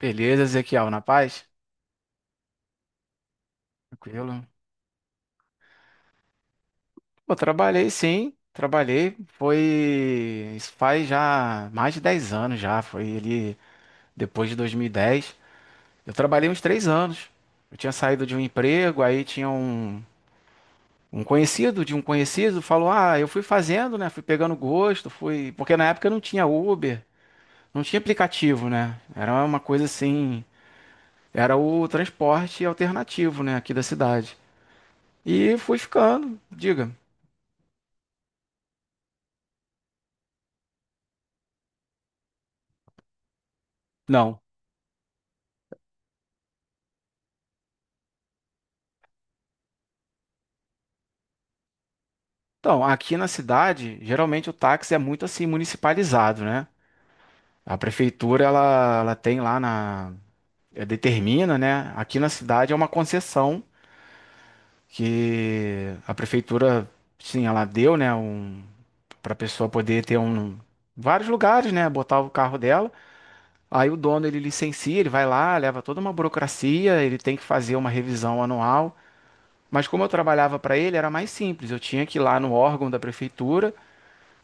Beleza, Ezequiel, na paz? Tranquilo. Pô, trabalhei sim, trabalhei. Foi. Isso faz já mais de 10 anos já. Foi ali depois de 2010. Eu trabalhei uns 3 anos. Eu tinha saído de um emprego, aí tinha um, conhecido de um conhecido, falou: Ah, eu fui fazendo, né? Fui pegando gosto, fui. Porque na época não tinha Uber, não tinha aplicativo, né? Era uma coisa assim. Era o transporte alternativo, né? Aqui da cidade. E fui ficando, diga. Não. Então, aqui na cidade, geralmente o táxi é muito assim municipalizado, né? A prefeitura ela tem lá na determina, né? Aqui na cidade é uma concessão que a prefeitura sim, ela deu, né, um para pessoa poder ter um vários lugares, né, botar o carro dela. Aí o dono ele licencia, ele vai lá, leva toda uma burocracia, ele tem que fazer uma revisão anual. Mas como eu trabalhava para ele, era mais simples. Eu tinha que ir lá no órgão da prefeitura,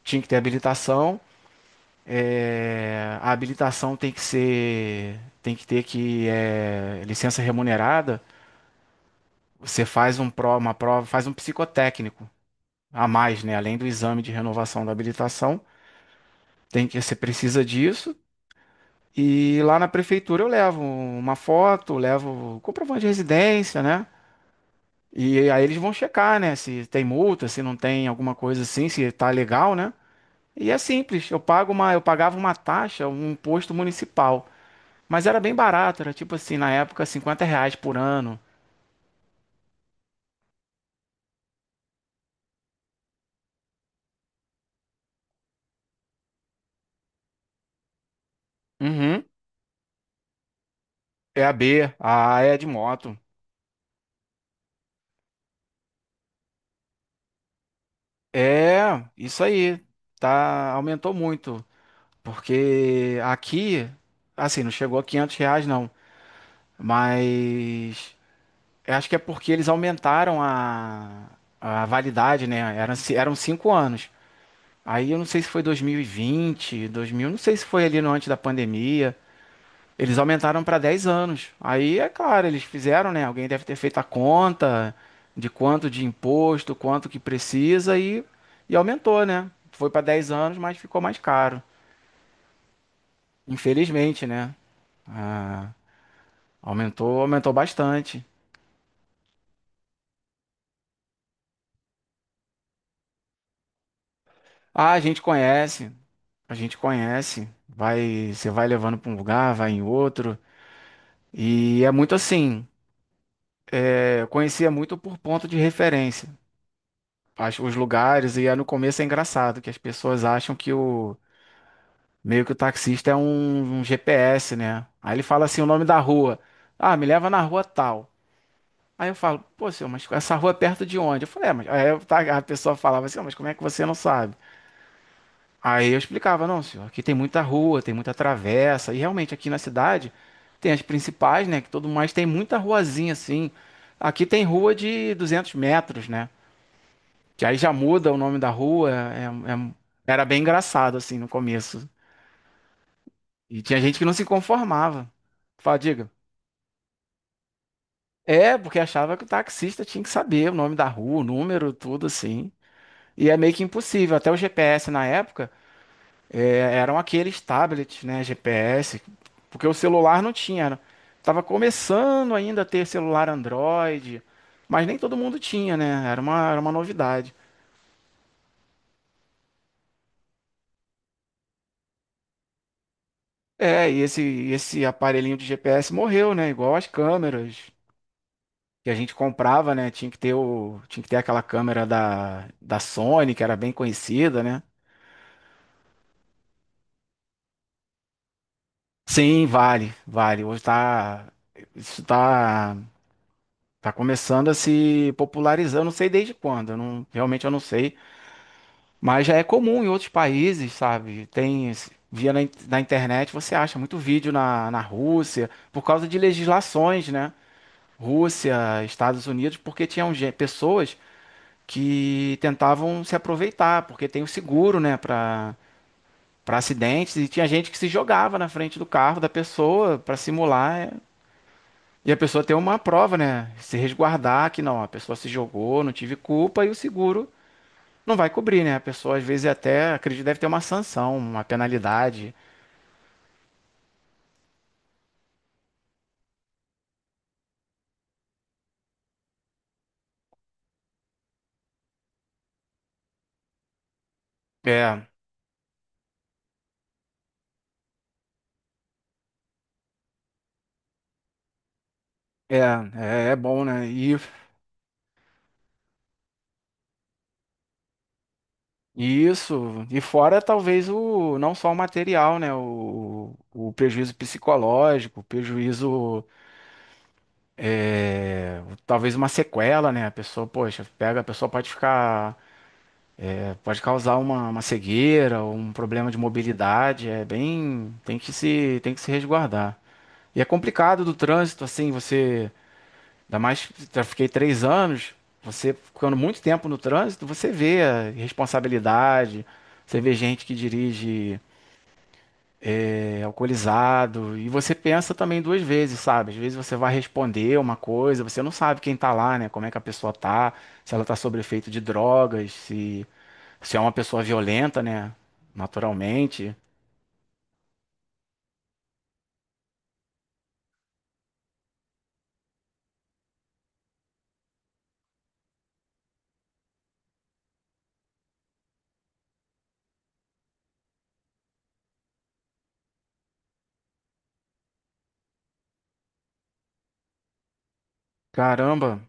tinha que ter habilitação. É, a habilitação tem que ser, tem que ter que é, licença remunerada. Você faz um pro, uma prova, faz um psicotécnico a mais, né? Além do exame de renovação da habilitação, tem que você precisa disso. E lá na prefeitura eu levo uma foto, levo comprovante de residência, né? E aí eles vão checar, né? Se tem multa, se não tem alguma coisa assim, se tá legal, né? E é simples. Eu pago uma, eu pagava uma taxa, um imposto municipal. Mas era bem barato, era tipo assim, na época, 50 reais por ano. Uhum. É a B, a A é de moto. É, isso aí. Tá, aumentou muito. Porque aqui, assim, não chegou a 500 reais não. Mas eu acho que é porque eles aumentaram a validade, né? Eram 5 anos. Aí eu não sei se foi 2020, 2000, não sei se foi ali no antes da pandemia. Eles aumentaram para 10 anos. Aí, é claro, eles fizeram, né? Alguém deve ter feito a conta de quanto de imposto, quanto que precisa e, aumentou, né? Foi para 10 anos, mas ficou mais caro. Infelizmente, né? Ah, aumentou, aumentou bastante. Ah, a gente conhece, a gente conhece. Vai, você vai levando para um lugar, vai em outro. E é muito assim. Eu conhecia muito por ponto de referência. Os lugares, e aí no começo é engraçado que as pessoas acham que o meio que o taxista é um, GPS, né? Aí ele fala assim, o nome da rua. Ah, me leva na rua tal. Aí eu falo, pô, senhor, mas essa rua é perto de onde? Eu falei, é, mas... A pessoa falava assim, "Ah, mas como é que você não sabe?" Aí eu explicava, não, senhor, aqui tem muita rua, tem muita travessa. E realmente aqui na cidade tem as principais, né? Que todo mais tem muita ruazinha assim. Aqui tem rua de 200 metros, né? Que aí já muda o nome da rua. Era bem engraçado, assim, no começo. E tinha gente que não se conformava. Fala, diga. É, porque achava que o taxista tinha que saber o nome da rua, o número, tudo assim. E é meio que impossível. Até o GPS na época eram aqueles tablets, né? GPS, porque o celular não tinha. Tava começando ainda a ter celular Android, mas nem todo mundo tinha, né? Era uma novidade. É, e esse aparelhinho de GPS morreu, né? Igual as câmeras. Que a gente comprava, né? Tinha que ter o, tinha que ter aquela câmera da, Sony, que era bem conhecida, né? Sim, vale, vale. Hoje tá, isso tá, tá começando a se popularizar. Eu não sei desde quando, eu não, realmente eu não sei, mas já é comum em outros países, sabe? Via na, na internet, você acha muito vídeo na Rússia, por causa de legislações, né? Rússia, Estados Unidos, porque tinham pessoas que tentavam se aproveitar, porque tem o seguro, né, para acidentes e tinha gente que se jogava na frente do carro da pessoa para simular e a pessoa ter uma prova, né, se resguardar que não, a pessoa se jogou, não tive culpa e o seguro não vai cobrir, né? A pessoa às vezes até acredito deve ter uma sanção, uma penalidade. É, é, é bom, né? E isso, e fora talvez o não só o material, né? O prejuízo psicológico, o prejuízo talvez uma sequela, né? A pessoa, poxa, pega, a pessoa pode ficar, pode causar uma cegueira, ou um problema de mobilidade, é bem, tem que se resguardar. E é complicado do trânsito, assim, você, ainda mais, já fiquei 3 anos, você ficando muito tempo no trânsito, você vê a responsabilidade, você vê gente que dirige alcoolizado. E você pensa também 2 vezes, sabe? Às vezes você vai responder uma coisa, você não sabe quem tá lá, né? Como é que a pessoa tá, se ela tá sob efeito de drogas, se é uma pessoa violenta, né? Naturalmente. Caramba,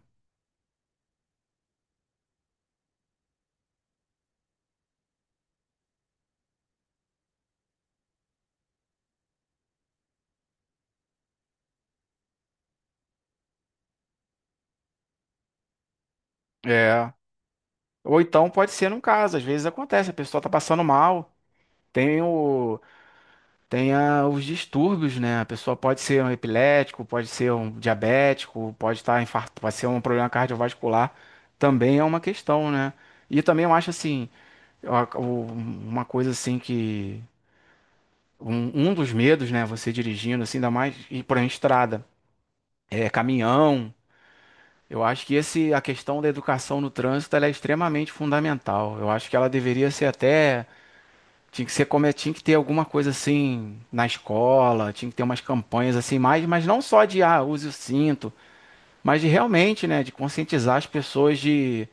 é. Ou então pode ser num caso, às vezes acontece, a pessoa tá passando mal. Tem o, Tem os distúrbios, né? A pessoa pode ser um epilético, pode ser um diabético, pode estar infarto, pode ser um problema cardiovascular. Também é uma questão, né? E também eu acho assim, uma coisa assim que um, dos medos, né? Você dirigindo assim, ainda mais ir por uma estrada, é caminhão. Eu acho que esse a questão da educação no trânsito ela é extremamente fundamental. Eu acho que ela deveria ser até tinha que ser como é, tinha que ter alguma coisa assim na escola, tinha que ter umas campanhas assim mais, mas não só de ah, use o cinto, mas de realmente, né, de conscientizar as pessoas de,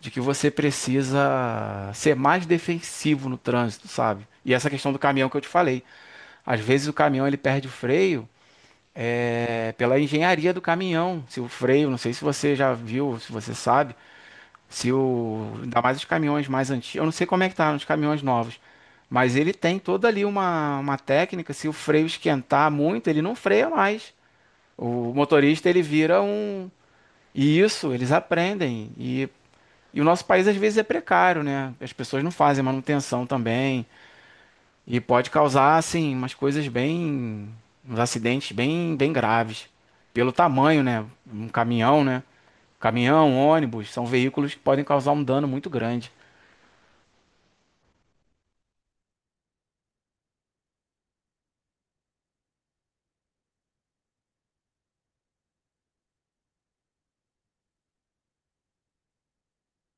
que você precisa ser mais defensivo no trânsito, sabe? E essa questão do caminhão que eu te falei. Às vezes o caminhão ele perde o freio pela engenharia do caminhão. Se o freio, não sei se você já viu, se você sabe se o, ainda mais os caminhões mais antigos, eu não sei como é que tá nos caminhões novos, mas ele tem toda ali uma, técnica, se o freio esquentar muito, ele não freia mais. O motorista ele vira um e isso eles aprendem e o nosso país às vezes é precário, né? As pessoas não fazem manutenção também e pode causar assim umas coisas bem uns acidentes bem graves pelo tamanho, né? Um caminhão, né? Caminhão, ônibus, são veículos que podem causar um dano muito grande.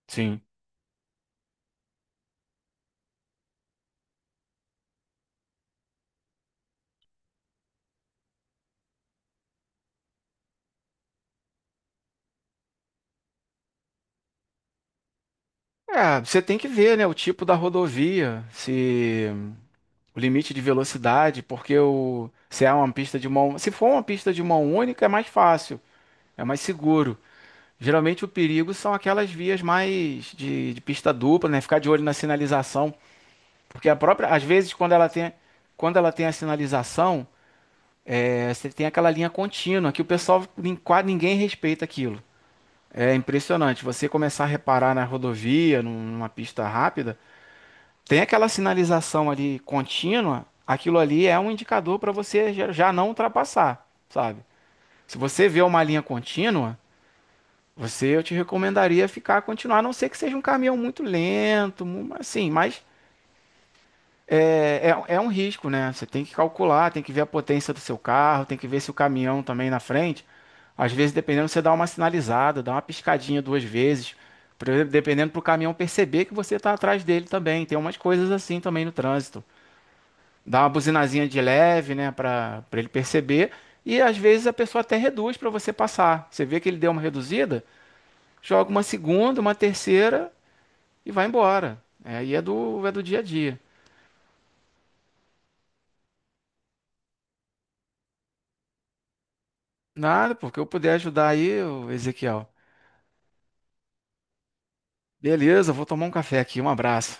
Sim. É, você tem que ver, né, o tipo da rodovia, se o limite de velocidade, porque o, se é uma pista de mão, se for uma pista de mão única é mais fácil, é mais seguro. Geralmente o perigo são aquelas vias mais de pista dupla, né, ficar de olho na sinalização, porque a própria, às vezes quando ela tem a sinalização, você tem aquela linha contínua que o pessoal quase ninguém respeita aquilo. É impressionante. Você começar a reparar na rodovia, numa pista rápida tem aquela sinalização ali contínua, aquilo ali é um indicador para você já não ultrapassar, sabe? Se você vê uma linha contínua, você eu te recomendaria ficar continuar, a não ser que seja um caminhão muito lento, assim, mas é um risco, né? Você tem que calcular, tem que ver a potência do seu carro, tem que ver se o caminhão também na frente. Às vezes, dependendo, você dá uma sinalizada, dá uma piscadinha 2 vezes, por exemplo, dependendo para o caminhão perceber que você está atrás dele também. Tem umas coisas assim também no trânsito. Dá uma buzinazinha de leve, né, para ele perceber. E às vezes a pessoa até reduz para você passar. Você vê que ele deu uma reduzida, joga uma segunda, uma terceira e vai embora. É, aí é do dia a dia. Nada, porque eu puder ajudar aí, ô Ezequiel. Beleza, vou tomar um café aqui. Um abraço.